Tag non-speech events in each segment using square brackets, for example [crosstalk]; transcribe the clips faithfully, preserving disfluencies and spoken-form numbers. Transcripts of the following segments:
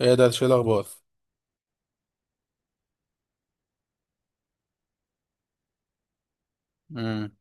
ايه ده؟ شيء الاخبار. امم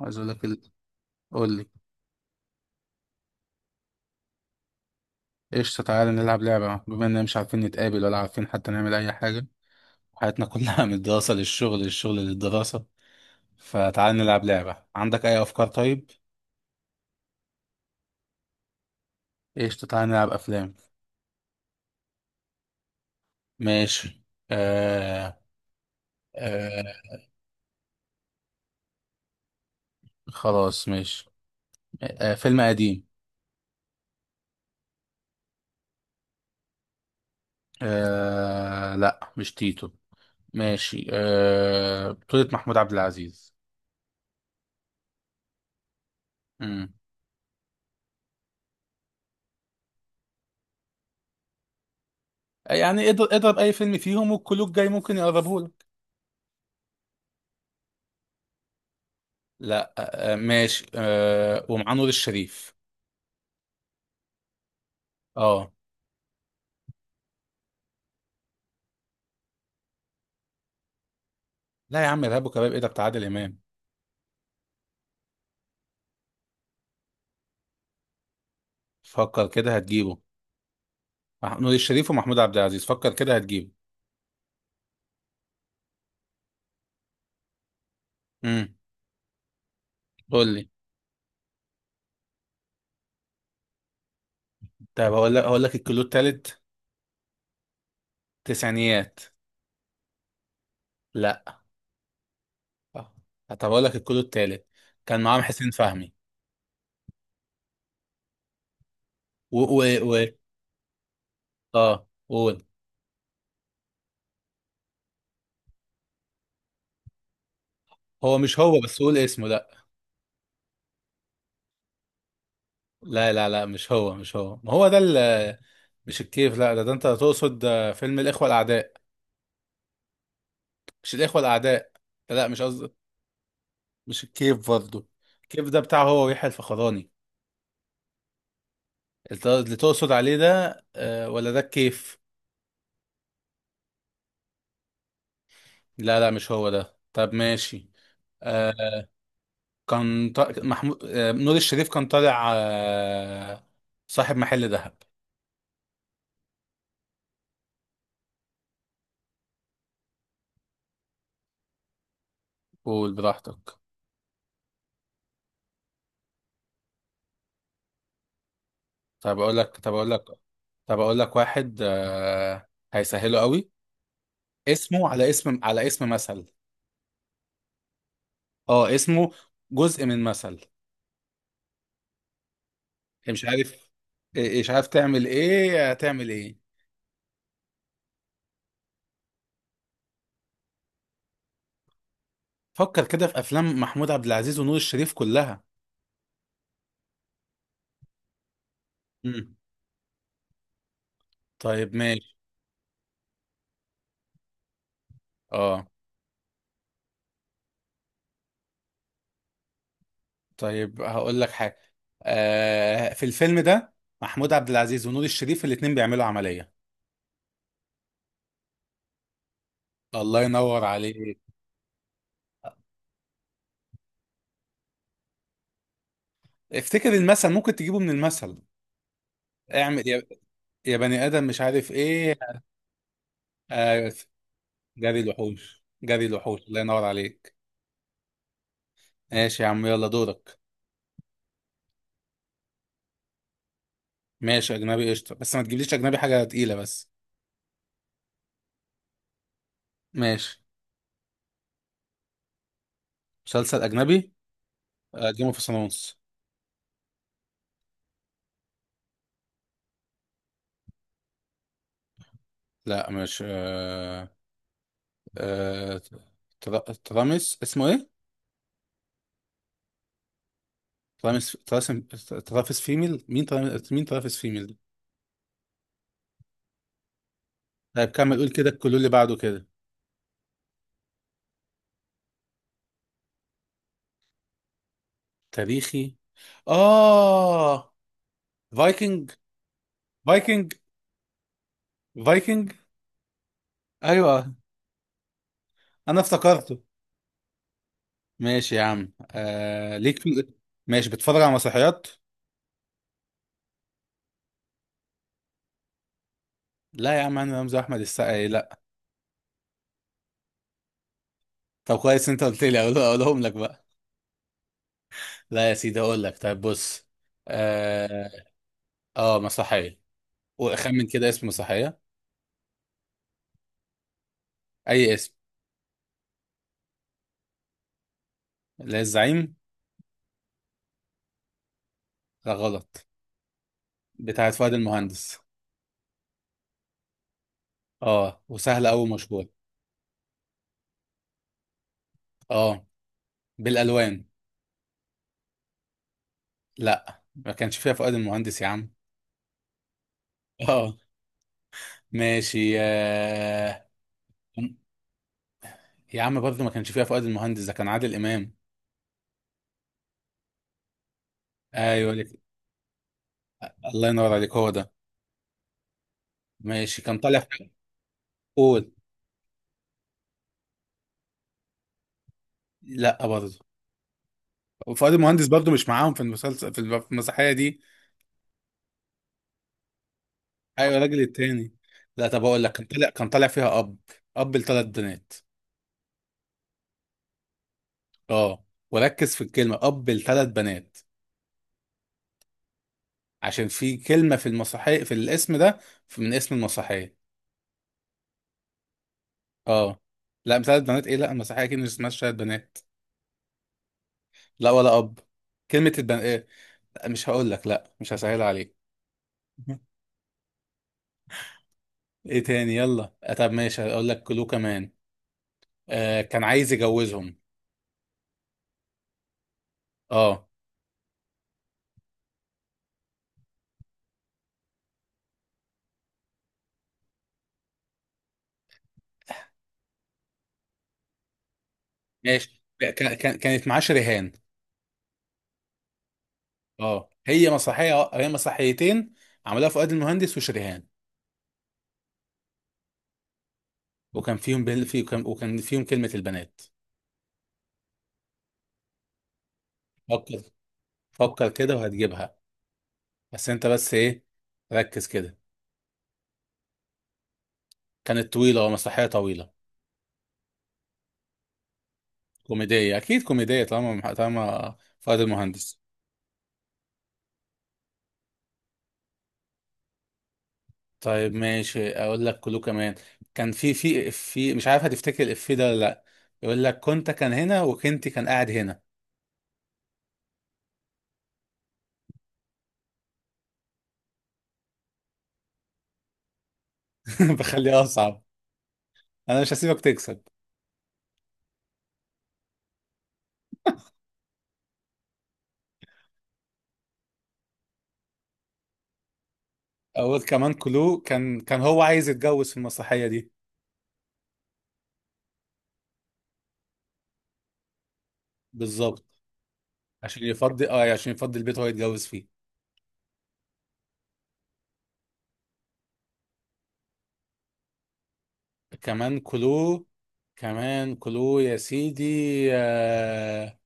عايز اقول لك ال... قول لي. قشطه، تعالى نلعب لعبه. بما اننا مش عارفين نتقابل ولا عارفين حتى نعمل اي حاجه، حياتنا كلها [laughs] من الدراسه للشغل، للشغل للدراسه، فتعالى نلعب لعبه. عندك اي افكار؟ طيب قشطه، تعالى نلعب افلام. ماشي. آه... آه... خلاص ماشي. آه... فيلم قديم. آه... لا، مش تيتو. ماشي، آه... بطولة محمود عبد العزيز. امم يعني اضرب اضرب اي فيلم فيهم، والكلوك جاي ممكن يقربه لك. لا، آه، آه، ماشي، آه، ومعاه نور الشريف. اه. لا يا عم، ارهاب وكباب؟ ايه ده؟ بتاع عادل امام. فكر كده هتجيبه. مح- نور الشريف ومحمود عبد العزيز، فكر كده هتجيبه. امم قول لي. طب هقول لك هقول لك الكيلو التالت. تسعينيات. لا. آه، طب هقول لك الكيلو التالت. كان معاهم حسين فهمي و و و اه قول. هو مش هو، بس قول اسمه. لا لا لا لا، مش هو مش هو، ما هو ده ال- مش الكيف، لا، ده, ده انت تقصد آه، فيلم الاخوه الاعداء. مش الإخوة الأعداء، لا مش قصدي. مش الكيف برضه. الكيف ده بتاعه هو ويحيى الفخراني. الت- اللي تقصد عليه ده آه، ولا ده الكيف؟ لا لا، مش هو ده. طب ماشي. آه. كان ط... محمود، آه نور الشريف، كان طالع آه صاحب محل ذهب. قول براحتك. طب أقول لك طب أقول لك طب أقول لك واحد آه هيسهله قوي. اسمه على اسم، على اسم مثل. اه، اسمه جزء من مثل. مش عارف. آه، مش عارف تعمل ايه، هتعمل ايه. فكر كده في افلام محمود عبد العزيز ونور الشريف كلها. مم. طيب ماشي. اه طيب هقول لك حاجه. آه، في الفيلم ده محمود عبد العزيز ونور الشريف الاتنين بيعملوا عمليه. الله ينور عليك. افتكر المثل، ممكن تجيبه من المثل. اعمل يا، يا بني ادم مش عارف ايه. آه، جري الوحوش، جري الوحوش، الله ينور عليك. ماشي يا عم، يلا دورك. ماشي اجنبي قشطه، بس ما تجيبليش اجنبي حاجه تقيله بس. ماشي. مسلسل أجنبي. جيم اوف ثرونز. لا مش آه... آه... ترا- ترامس اسمه ايه؟ ترامس تراسم. ترافس فيميل؟ مين ترا- مين ترافس فيميل ده؟ طيب كمل، قول كده الكلو اللي بعده كده. تاريخي. اه فايكنج. فايكنج. فايكنج. ايوه، انا افتكرته. ماشي يا عم، آه... ليك في. ماشي. بتتفرج على مسرحيات؟ لا يا عم، انا رمزي؟ احمد السقا؟ إيه؟ لا. طب كويس، انت قلت لي اقول- اقولهم لك بقى. لا يا سيدي، اقول لك، طيب بص. اه, آه مسرحية. واخمن كده اسم مسرحية. اي اسم. لا، الزعيم؟ لا، غلط. بتاعت فؤاد المهندس. اه، وسهلة أوي، مشهور. اه، بالالوان. لا، ما كانش فيها فؤاد المهندس يا عم. [laughs] اه ماشي آه. يا عم برضه ما كانش فيها فؤاد المهندس، ده كان عادل امام. ايوه لك، الله ينور عليك، هو ده. ماشي، كان طالع في- قول. لا برضه، فؤاد المهندس برضه مش معاهم في المسلسل، في المسرحية دي. ايوه، الراجل التاني. لا، طب اقول لك، كان طالع كان طالع فيها اب. اب لثلاث بنات. اه، وركز في الكلمه، اب لثلاث بنات. عشان في كلمه في المسرحيه، في الاسم ده، في- من اسم المسرحيه. اه. لا، ثلاث بنات ايه، لا المسرحيه اكيد مش اسمها ثلاث بنات. لا، ولا اب. كلمه البن ايه. لا، مش هقول لك، لا مش هسهل عليك. [laughs] ايه تاني، يلا آه، طب ماشي، هقول لك كلو كمان. آه كان عايز يجوزهم. اه. ماشي، كان كان- كانت معاه شريهان. اه، هي مسرحيه، هي مسرحيتين عملها فؤاد المهندس وشريهان. وكان فيهم بل... في... وكان... وكان فيهم كلمه البنات. فكر، فكر كده وهتجيبها. بس انت بس ايه، ركز كده. كانت طويله، مسرحيه طويله. كوميديه اكيد، كوميديه طالما، طالما فؤاد المهندس. طيب ماشي، اقول لك كله كمان. كان في في في مش عارف هتفتكر الافيه ده ولا لا. يقول لك كنت كان هنا، وكنت كان قاعد هنا. [laughs] بخليها اصعب. انا مش هسيبك تكسب. أول كمان كلو، كان كان هو عايز يتجوز في المسرحية دي. بالظبط، عشان يفضي. اه يعني عشان يفضي البيت هو يتجوز فيه. كمان كلو. كمان كلو يا سيدي. آه.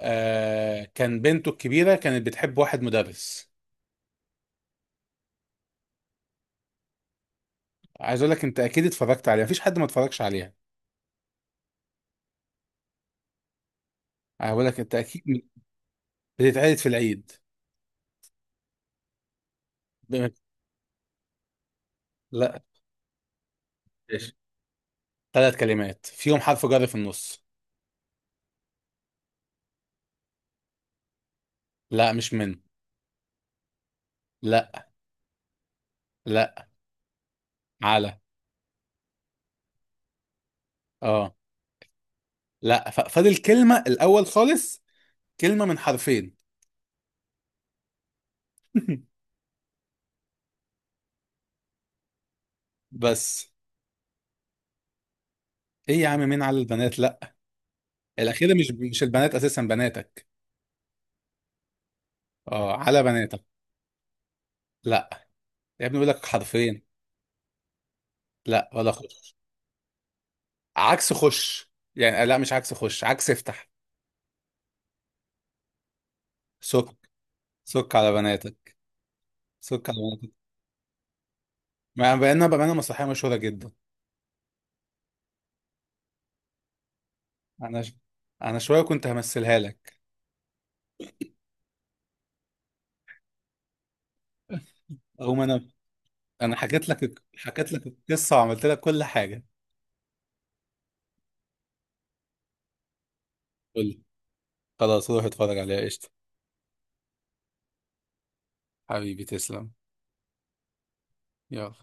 آه، كان بنته الكبيرة كانت بتحب واحد مدرس. عايز أقول لك أنت أكيد اتفرجت عليها، مفيش حد ما اتفرجش عليها. هقول لك أنت أكيد بتتعرض في العيد. بم- لا. ماشي. ثلاث كلمات فيهم حرف جر في النص. لا مش من. لا. لا. على. اه. لا، ف- فاضل كلمة الأول خالص. كلمة من حرفين. [laughs] بس. إيه يا عم، مين على البنات، لا. الأخيرة مش مش البنات، أساسا بناتك. أه، على بناتك. لا. يا ابني بيقول لك حرفين. لا، ولا خش. عكس خش يعني، لا مش عكس خش، عكس افتح. سك. سك على بناتك. سك على بناتك. ما بقينا بقينا، مسرحية مشهورة جدا. أنا ش... أنا شوية كنت همثلها لك. أو ما أنا. أنا حكيت لك حكيت لك القصة، وعملت لك كل حاجة. قول لي. خلاص، روح اتفرج عليها قشطة. حبيبي تسلم. يلا.